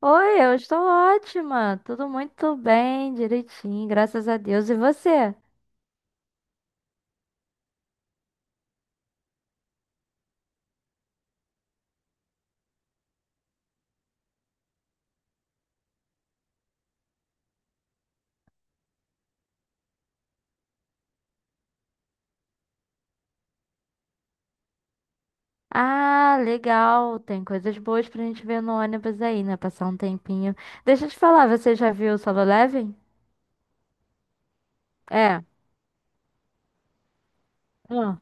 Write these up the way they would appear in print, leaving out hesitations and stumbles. Oi, eu estou ótima. Tudo muito bem, direitinho, graças a Deus. E você? Ah, legal. Tem coisas boas pra gente ver no ônibus aí, né? Passar um tempinho. Deixa eu te falar, você já viu o Solo Leveling? É. Ah,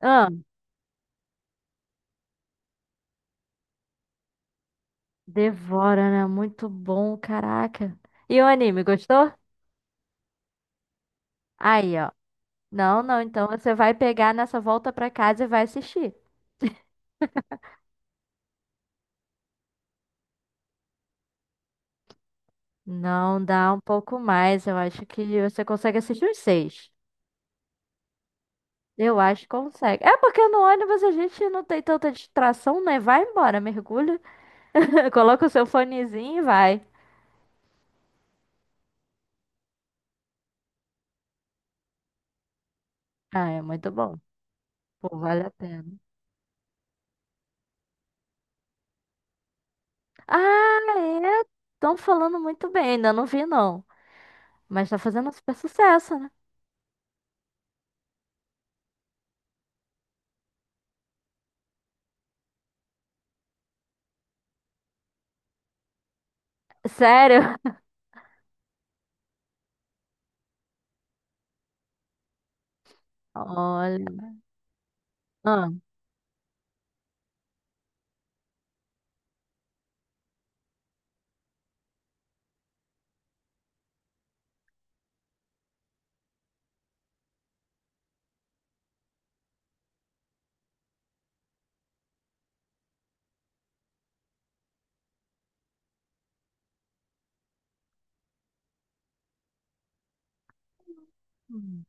ah. Devora, né? Muito bom, caraca. E o anime, gostou? Aí, ó. Não, não. Então você vai pegar nessa volta pra casa e vai assistir. Não, dá um pouco mais. Eu acho que você consegue assistir os seis. Eu acho que consegue. É porque no ônibus a gente não tem tanta distração, né? Vai embora, mergulha, coloca o seu fonezinho e vai. Ah, é muito bom. Pô, vale a pena. Ah, é. Estão falando muito bem, ainda não vi não. Mas tá fazendo super sucesso, né? Sério? Olha. Ah. Hum.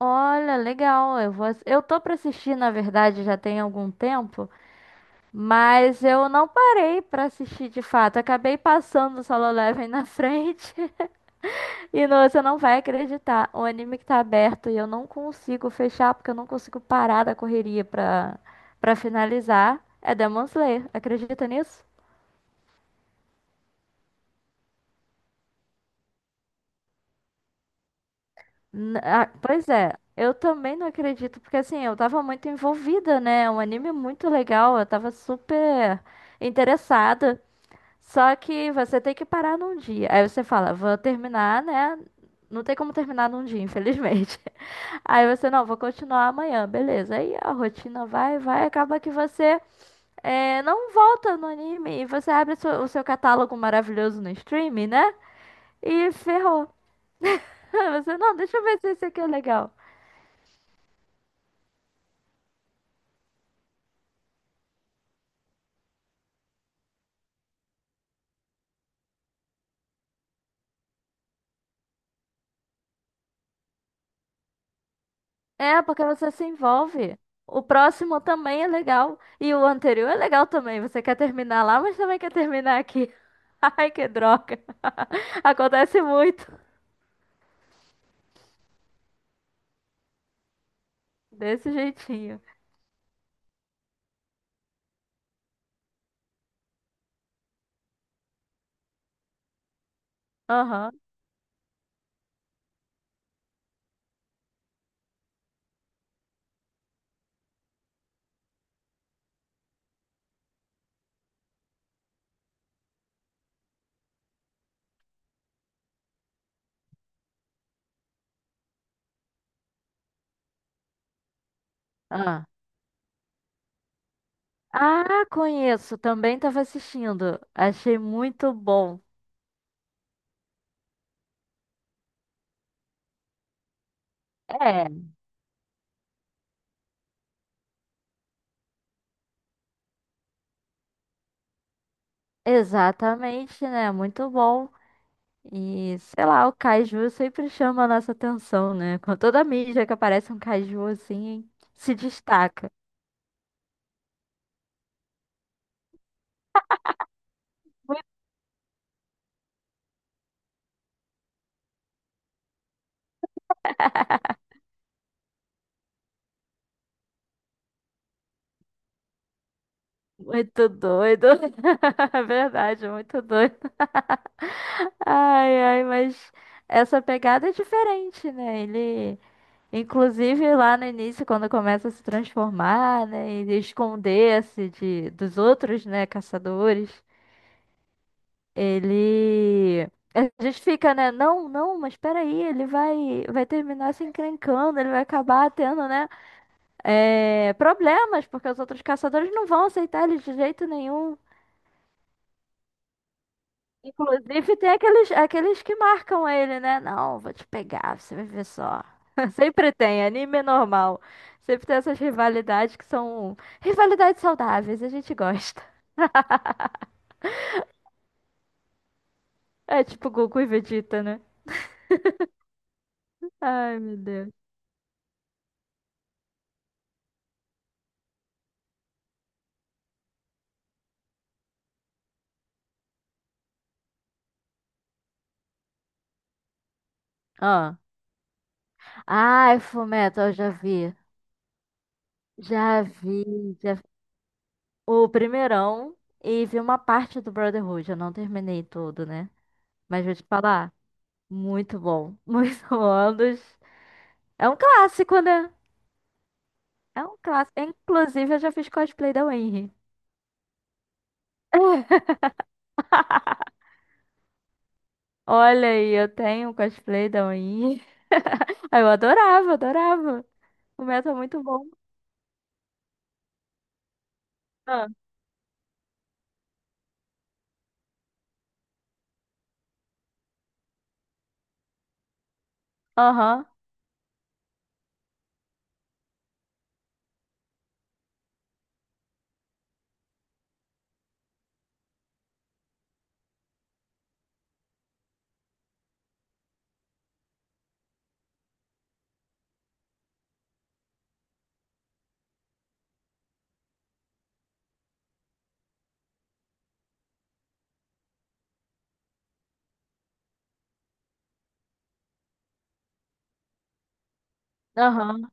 Olha, legal. Eu tô pra assistir, na verdade, já tem algum tempo, mas eu não parei pra assistir de fato. Acabei passando o Solo Leveling na frente. E não, você não vai acreditar. O anime que tá aberto e eu não consigo fechar porque eu não consigo parar da correria pra finalizar é Demon Slayer. Acredita nisso? Ah, pois é, eu também não acredito, porque assim, eu tava muito envolvida, né? É um anime muito legal, eu tava super interessada. Só que você tem que parar num dia. Aí você fala, vou terminar, né? Não tem como terminar num dia, infelizmente. Aí você, não, vou continuar amanhã, beleza. Aí a rotina vai, acaba que você não volta no anime e você abre o seu catálogo maravilhoso no streaming, né? E ferrou. Você, não, deixa eu ver se esse aqui é legal. É, porque você se envolve. O próximo também é legal. E o anterior é legal também. Você quer terminar lá, mas também quer terminar aqui. Ai, que droga. Acontece muito. Desse jeitinho. Aham. Ah. Ah, conheço. Também estava assistindo. Achei muito bom. É, exatamente, né? Muito bom. E sei lá, o caju sempre chama a nossa atenção, né? Com toda a mídia que aparece um caju assim, se destaca. Muito, muito doido. É verdade, muito doido. Ai, ai, mas essa pegada é diferente, né? Ele Inclusive lá no início, quando começa a se transformar, né, e esconder-se de dos outros, né, caçadores, ele a gente fica, né, não, não, mas peraí, ele vai terminar se encrencando, ele vai acabar tendo, né, problemas, porque os outros caçadores não vão aceitar ele de jeito nenhum. Inclusive, tem aqueles que marcam ele, né? Não, vou te pegar, você vai ver só. Sempre tem, anime é normal. Sempre tem essas rivalidades que são rivalidades saudáveis, a gente gosta. É tipo Goku e Vegeta, né? Ai, meu Deus. Ah, ai, Fullmetal, eu já vi. Já vi, já vi. O primeirão e vi uma parte do Brotherhood. Eu não terminei tudo, né? Mas vou te falar, muito bom. Muito bom. É um clássico, né? É um clássico. Inclusive, eu já fiz cosplay da Winry. Olha aí, eu tenho um cosplay da Winry. Eu adorava, adorava. O método é muito bom. Ah, aham, aham.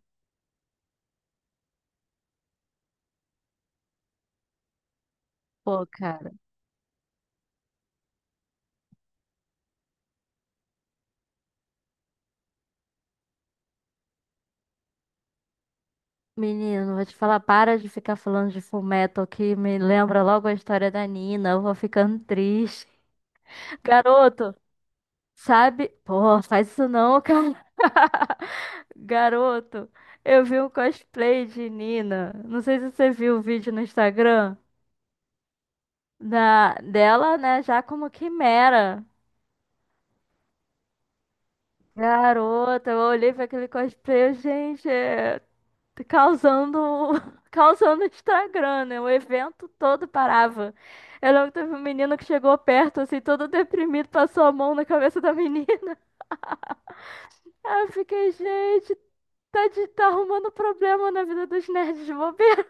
Pô, cara. Menino, vou te falar, para de ficar falando de Full Metal que me lembra logo a história da Nina. Eu vou ficando triste. Garoto, sabe? Pô, faz isso não, cara. Garoto, eu vi um cosplay de Nina. Não sei se você viu o vídeo no Instagram. Dela, né, já como quimera. Garota, eu olhei pra aquele cosplay, eu, gente, tá causando, causando Instagram, né? O evento todo parava. Eu lembro que teve um menino que chegou perto, assim, todo deprimido, passou a mão na cabeça da menina. Aí eu fiquei, gente, tá arrumando problema na vida dos nerds de bobeira.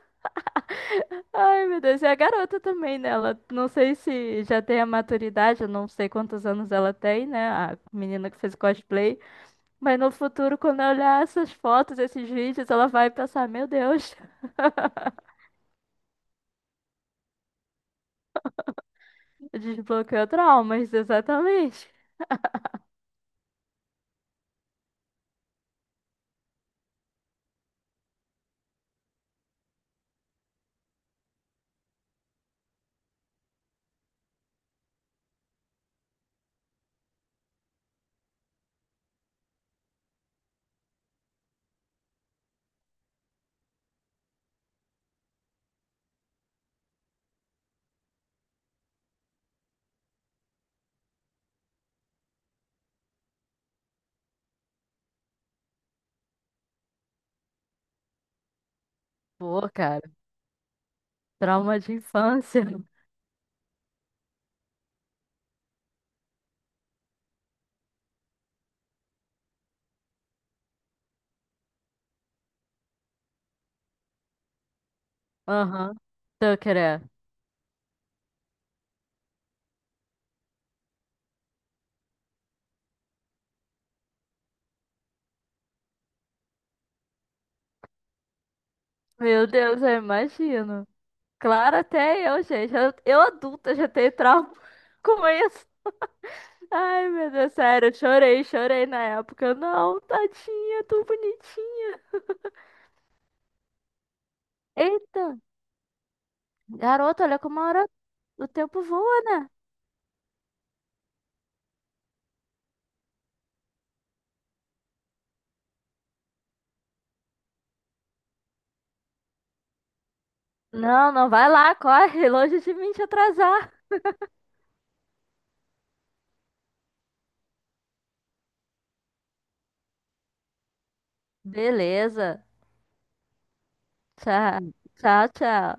Ai, meu Deus, e a garota também, né? Ela, não sei se já tem a maturidade, eu não sei quantos anos ela tem, né? A menina que fez o cosplay. Mas no futuro, quando eu olhar essas fotos, esses vídeos, ela vai pensar: Meu Deus, desbloqueou traumas, exatamente. Pô, cara, trauma de infância. Aham, tô querendo. Meu Deus, eu imagino. Claro, até eu, gente. Eu adulta já tenho trauma com isso. Ai, meu Deus, sério, eu chorei, chorei na época. Não, tadinha, tão bonitinha. Eita, garota, olha como a hora, o tempo voa, né? Não, não vai lá, corre, longe de mim te atrasar. Beleza. Tchau, tchau, tchau.